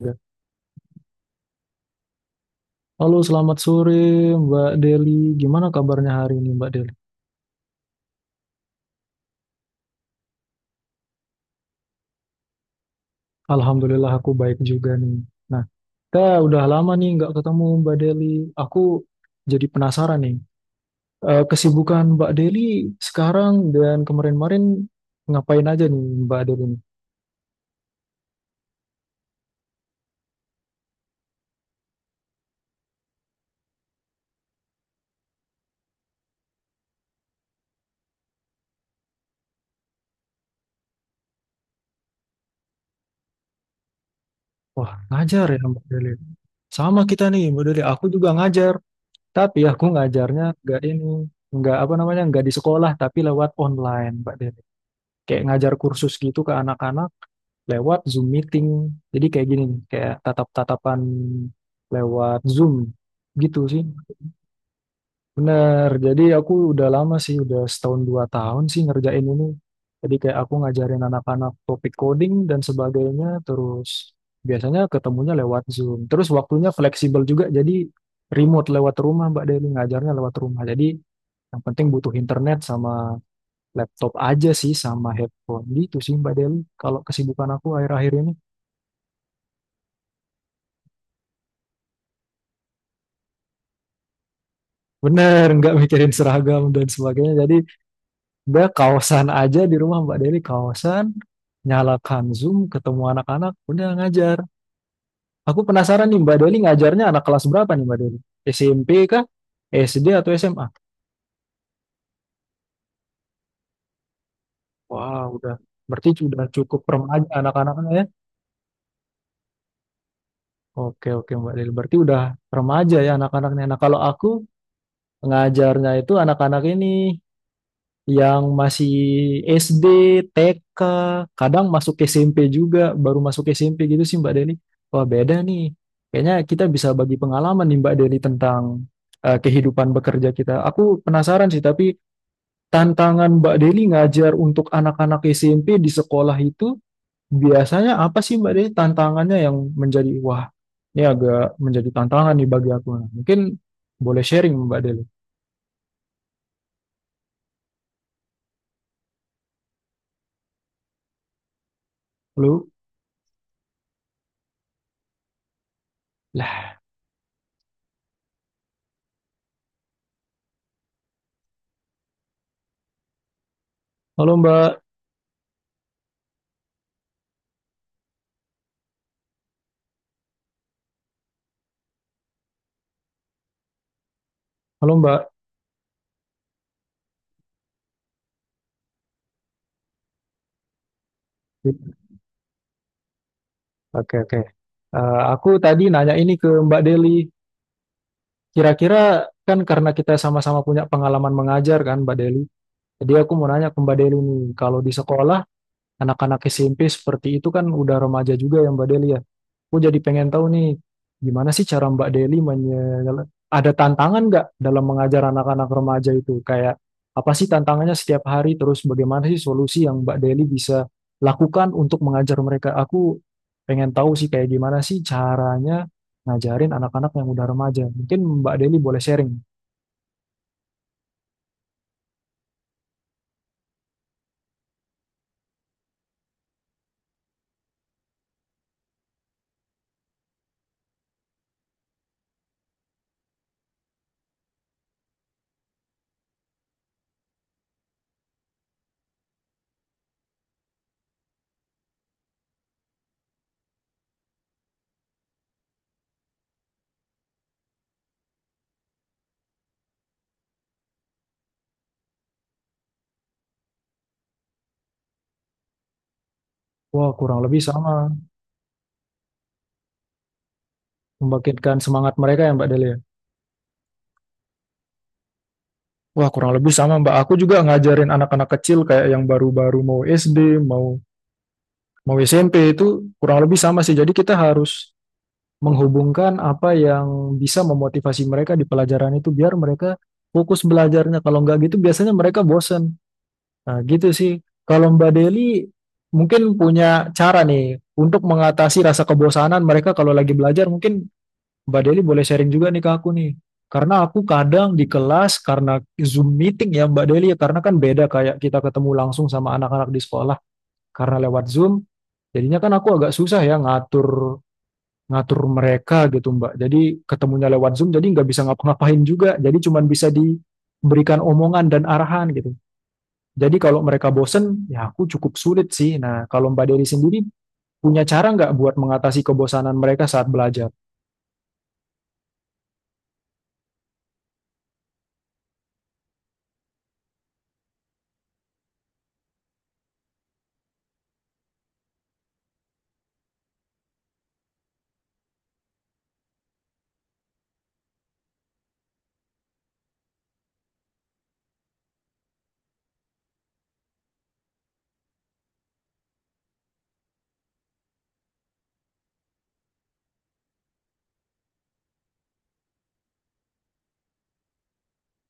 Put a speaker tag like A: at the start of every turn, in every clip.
A: Ya. Halo, selamat sore Mbak Deli. Gimana kabarnya hari ini Mbak Deli? Alhamdulillah aku baik juga nih. Nah, kita udah lama nih nggak ketemu Mbak Deli. Aku jadi penasaran nih. Kesibukan Mbak Deli sekarang dan kemarin-kemarin ngapain aja nih Mbak Deli? Wah, ngajar ya Mbak Deli. Sama kita nih Mbak Deli. Aku juga ngajar, tapi aku ngajarnya nggak ini, nggak apa namanya, nggak di sekolah, tapi lewat online Mbak Deli. Kayak ngajar kursus gitu ke anak-anak lewat Zoom meeting. Jadi kayak gini, nih, kayak tatap-tatapan lewat Zoom gitu sih. Bener, jadi aku udah lama sih, udah setahun dua tahun sih ngerjain ini. Jadi kayak aku ngajarin anak-anak topik coding dan sebagainya, terus biasanya ketemunya lewat Zoom. Terus waktunya fleksibel juga, jadi remote lewat rumah Mbak Deli, ngajarnya lewat rumah. Jadi yang penting butuh internet sama laptop aja sih, sama headphone gitu sih Mbak Deli. Kalau kesibukan aku akhir-akhir ini. Bener, nggak mikirin seragam dan sebagainya. Jadi udah kaosan aja di rumah Mbak Deli, kaosan, nyalakan Zoom, ketemu anak-anak, udah ngajar. Aku penasaran nih Mbak Deli ngajarnya anak kelas berapa nih Mbak Deli? SMP kah? SD atau SMA? Wah, udah. Berarti sudah cukup remaja anak-anaknya ya. Oke, oke Mbak Deli. Berarti udah remaja ya anak-anaknya. Nah, kalau aku ngajarnya itu anak-anak ini yang masih SD, TK, kadang masuk SMP juga, baru masuk SMP gitu sih Mbak Deli. Wah beda nih. Kayaknya kita bisa bagi pengalaman nih Mbak Deli tentang kehidupan bekerja kita. Aku penasaran sih, tapi tantangan Mbak Deli ngajar untuk anak-anak SMP di sekolah itu biasanya apa sih Mbak Deli tantangannya yang menjadi, wah ini agak menjadi tantangan nih bagi aku. Nah, mungkin boleh sharing Mbak Deli. Halo, lah, halo Mbak, halo Mbak. Oke, oke. Aku tadi nanya ini ke Mbak Deli, kira-kira kan karena kita sama-sama punya pengalaman mengajar kan Mbak Deli. Jadi aku mau nanya ke Mbak Deli nih, kalau di sekolah anak-anak SMP seperti itu kan udah remaja juga ya Mbak Deli ya. Aku jadi pengen tahu nih, gimana sih cara Mbak Deli ada tantangan nggak dalam mengajar anak-anak remaja itu? Kayak apa sih tantangannya setiap hari? Terus bagaimana sih solusi yang Mbak Deli bisa lakukan untuk mengajar mereka? Aku pengen tahu sih kayak gimana sih caranya ngajarin anak-anak yang udah remaja. Mungkin Mbak Deli boleh sharing. Wah, kurang lebih sama. Membangkitkan semangat mereka ya Mbak Deli ya? Wah, kurang lebih sama Mbak. Aku juga ngajarin anak-anak kecil kayak yang baru-baru mau SD, mau Mau SMP itu kurang lebih sama sih. Jadi kita harus menghubungkan apa yang bisa memotivasi mereka di pelajaran itu biar mereka fokus belajarnya. Kalau nggak gitu biasanya mereka bosen. Nah, gitu sih. Kalau Mbak Deli mungkin punya cara nih untuk mengatasi rasa kebosanan mereka kalau lagi belajar. Mungkin Mbak Deli boleh sharing juga nih ke aku nih. Karena aku kadang di kelas karena Zoom meeting ya Mbak Deli, ya. Karena kan beda kayak kita ketemu langsung sama anak-anak di sekolah karena lewat Zoom. Jadinya kan aku agak susah ya ngatur ngatur mereka gitu Mbak. Jadi ketemunya lewat Zoom, jadi nggak bisa ngapa-ngapain juga. Jadi cuman bisa diberikan omongan dan arahan gitu. Jadi kalau mereka bosen, ya aku cukup sulit sih. Nah, kalau Mbak Deli sendiri punya cara nggak buat mengatasi kebosanan mereka saat belajar?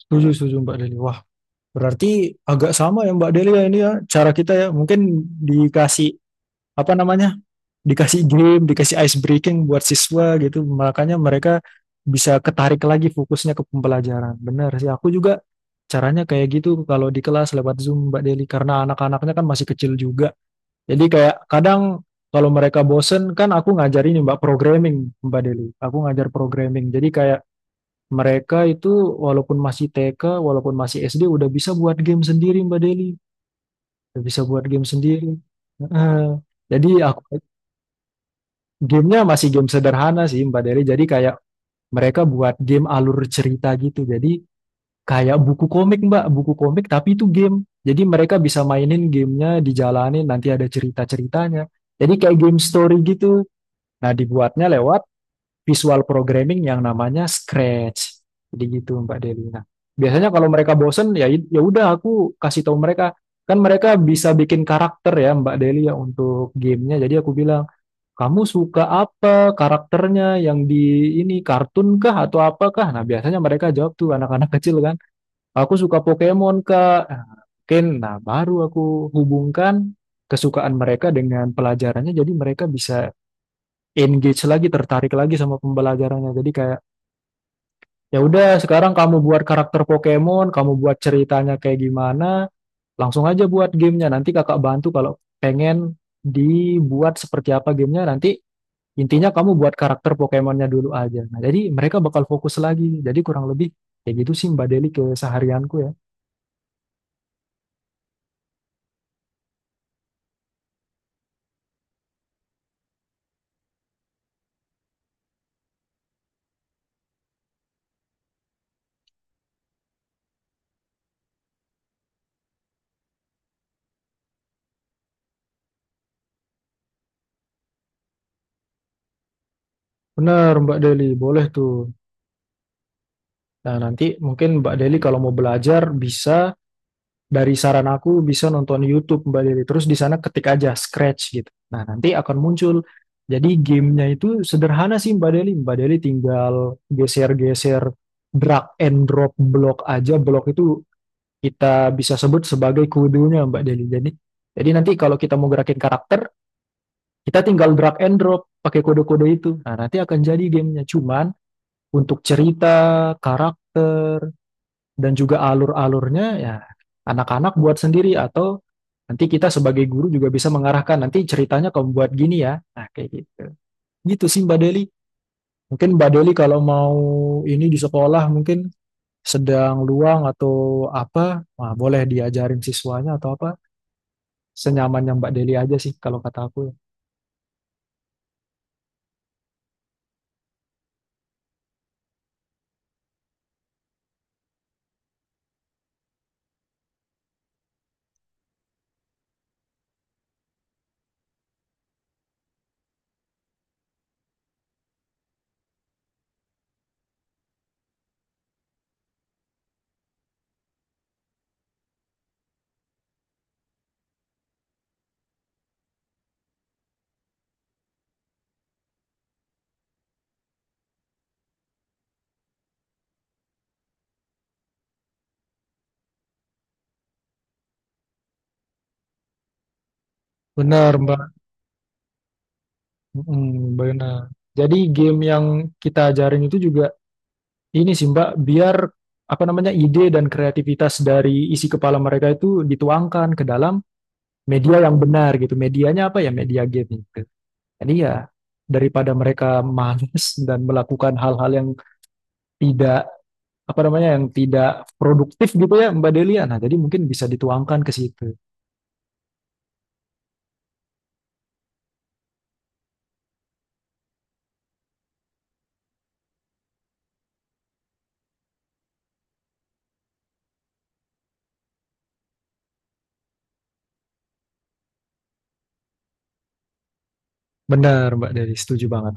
A: Setuju, setuju Mbak Deli. Wah, berarti agak sama ya Mbak Deli ya ini ya cara kita ya. Mungkin dikasih apa namanya dikasih game, dikasih ice breaking buat siswa gitu. Makanya mereka bisa ketarik lagi fokusnya ke pembelajaran. Benar sih, aku juga caranya kayak gitu kalau di kelas lewat Zoom Mbak Deli karena anak-anaknya kan masih kecil juga. Jadi kayak kadang kalau mereka bosen kan aku ngajarin Mbak programming Mbak Deli. Aku ngajar programming. Jadi kayak mereka itu walaupun masih TK, walaupun masih SD udah bisa buat game sendiri Mbak Deli. Udah bisa buat game sendiri. Heeh. Jadi aku gamenya masih game sederhana sih Mbak Deli. Jadi kayak mereka buat game alur cerita gitu. Jadi kayak buku komik Mbak, buku komik tapi itu game. Jadi mereka bisa mainin gamenya, dijalanin nanti ada cerita-ceritanya. Jadi kayak game story gitu. Nah dibuatnya lewat visual programming yang namanya Scratch. Jadi gitu Mbak Deli. Nah biasanya kalau mereka bosen ya ya udah aku kasih tahu mereka. Kan mereka bisa bikin karakter ya Mbak Deli ya untuk gamenya. Jadi aku bilang kamu suka apa karakternya yang di ini kartun kah atau apakah? Nah, biasanya mereka jawab tuh anak-anak kecil kan. Aku suka Pokemon kah? Nah, mungkin nah baru aku hubungkan kesukaan mereka dengan pelajarannya jadi mereka bisa engage lagi, tertarik lagi sama pembelajarannya. Jadi kayak ya udah sekarang kamu buat karakter Pokemon, kamu buat ceritanya kayak gimana, langsung aja buat gamenya. Nanti kakak bantu kalau pengen dibuat seperti apa gamenya nanti. Intinya kamu buat karakter Pokemonnya dulu aja. Nah, jadi mereka bakal fokus lagi. Jadi kurang lebih kayak gitu sih Mbak Deli keseharianku ya. Bener Mbak Deli, boleh tuh. Nah, nanti mungkin Mbak Deli kalau mau belajar bisa dari saran aku bisa nonton YouTube Mbak Deli. Terus di sana ketik aja Scratch gitu. Nah, nanti akan muncul. Jadi gamenya itu sederhana sih Mbak Deli. Mbak Deli tinggal geser-geser drag and drop blok aja. Blok itu kita bisa sebut sebagai kudunya Mbak Deli. Jadi, nanti kalau kita mau gerakin karakter, kita tinggal drag and drop pakai kode-kode itu. Nah, nanti akan jadi gamenya. Cuman untuk cerita, karakter, dan juga alur-alurnya ya anak-anak buat sendiri atau nanti kita sebagai guru juga bisa mengarahkan nanti ceritanya kamu buat gini ya. Nah, kayak gitu. Gitu sih Mbak Deli. Mungkin Mbak Deli kalau mau ini di sekolah mungkin sedang luang atau apa, wah, boleh diajarin siswanya atau apa senyamannya Mbak Deli aja sih kalau kata aku ya. Benar, Mbak. Mm, benar. Jadi game yang kita ajarin itu juga ini sih, Mbak, biar apa namanya ide dan kreativitas dari isi kepala mereka itu dituangkan ke dalam media yang benar gitu. Medianya apa ya? Media game gitu. Jadi ya daripada mereka malas dan melakukan hal-hal yang tidak apa namanya yang tidak produktif gitu ya, Mbak Delia. Nah, jadi mungkin bisa dituangkan ke situ. Benar, Mbak Deli, setuju banget.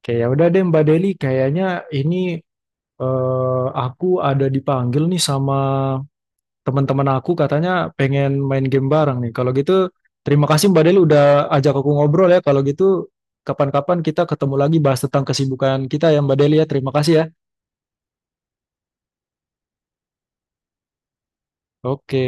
A: Oke, ya udah deh Mbak Deli, kayaknya ini aku ada dipanggil nih sama teman-teman aku katanya pengen main game bareng nih. Kalau gitu terima kasih Mbak Deli udah ajak aku ngobrol ya. Kalau gitu kapan-kapan kita ketemu lagi bahas tentang kesibukan kita ya Mbak Deli ya. Terima kasih ya. Oke.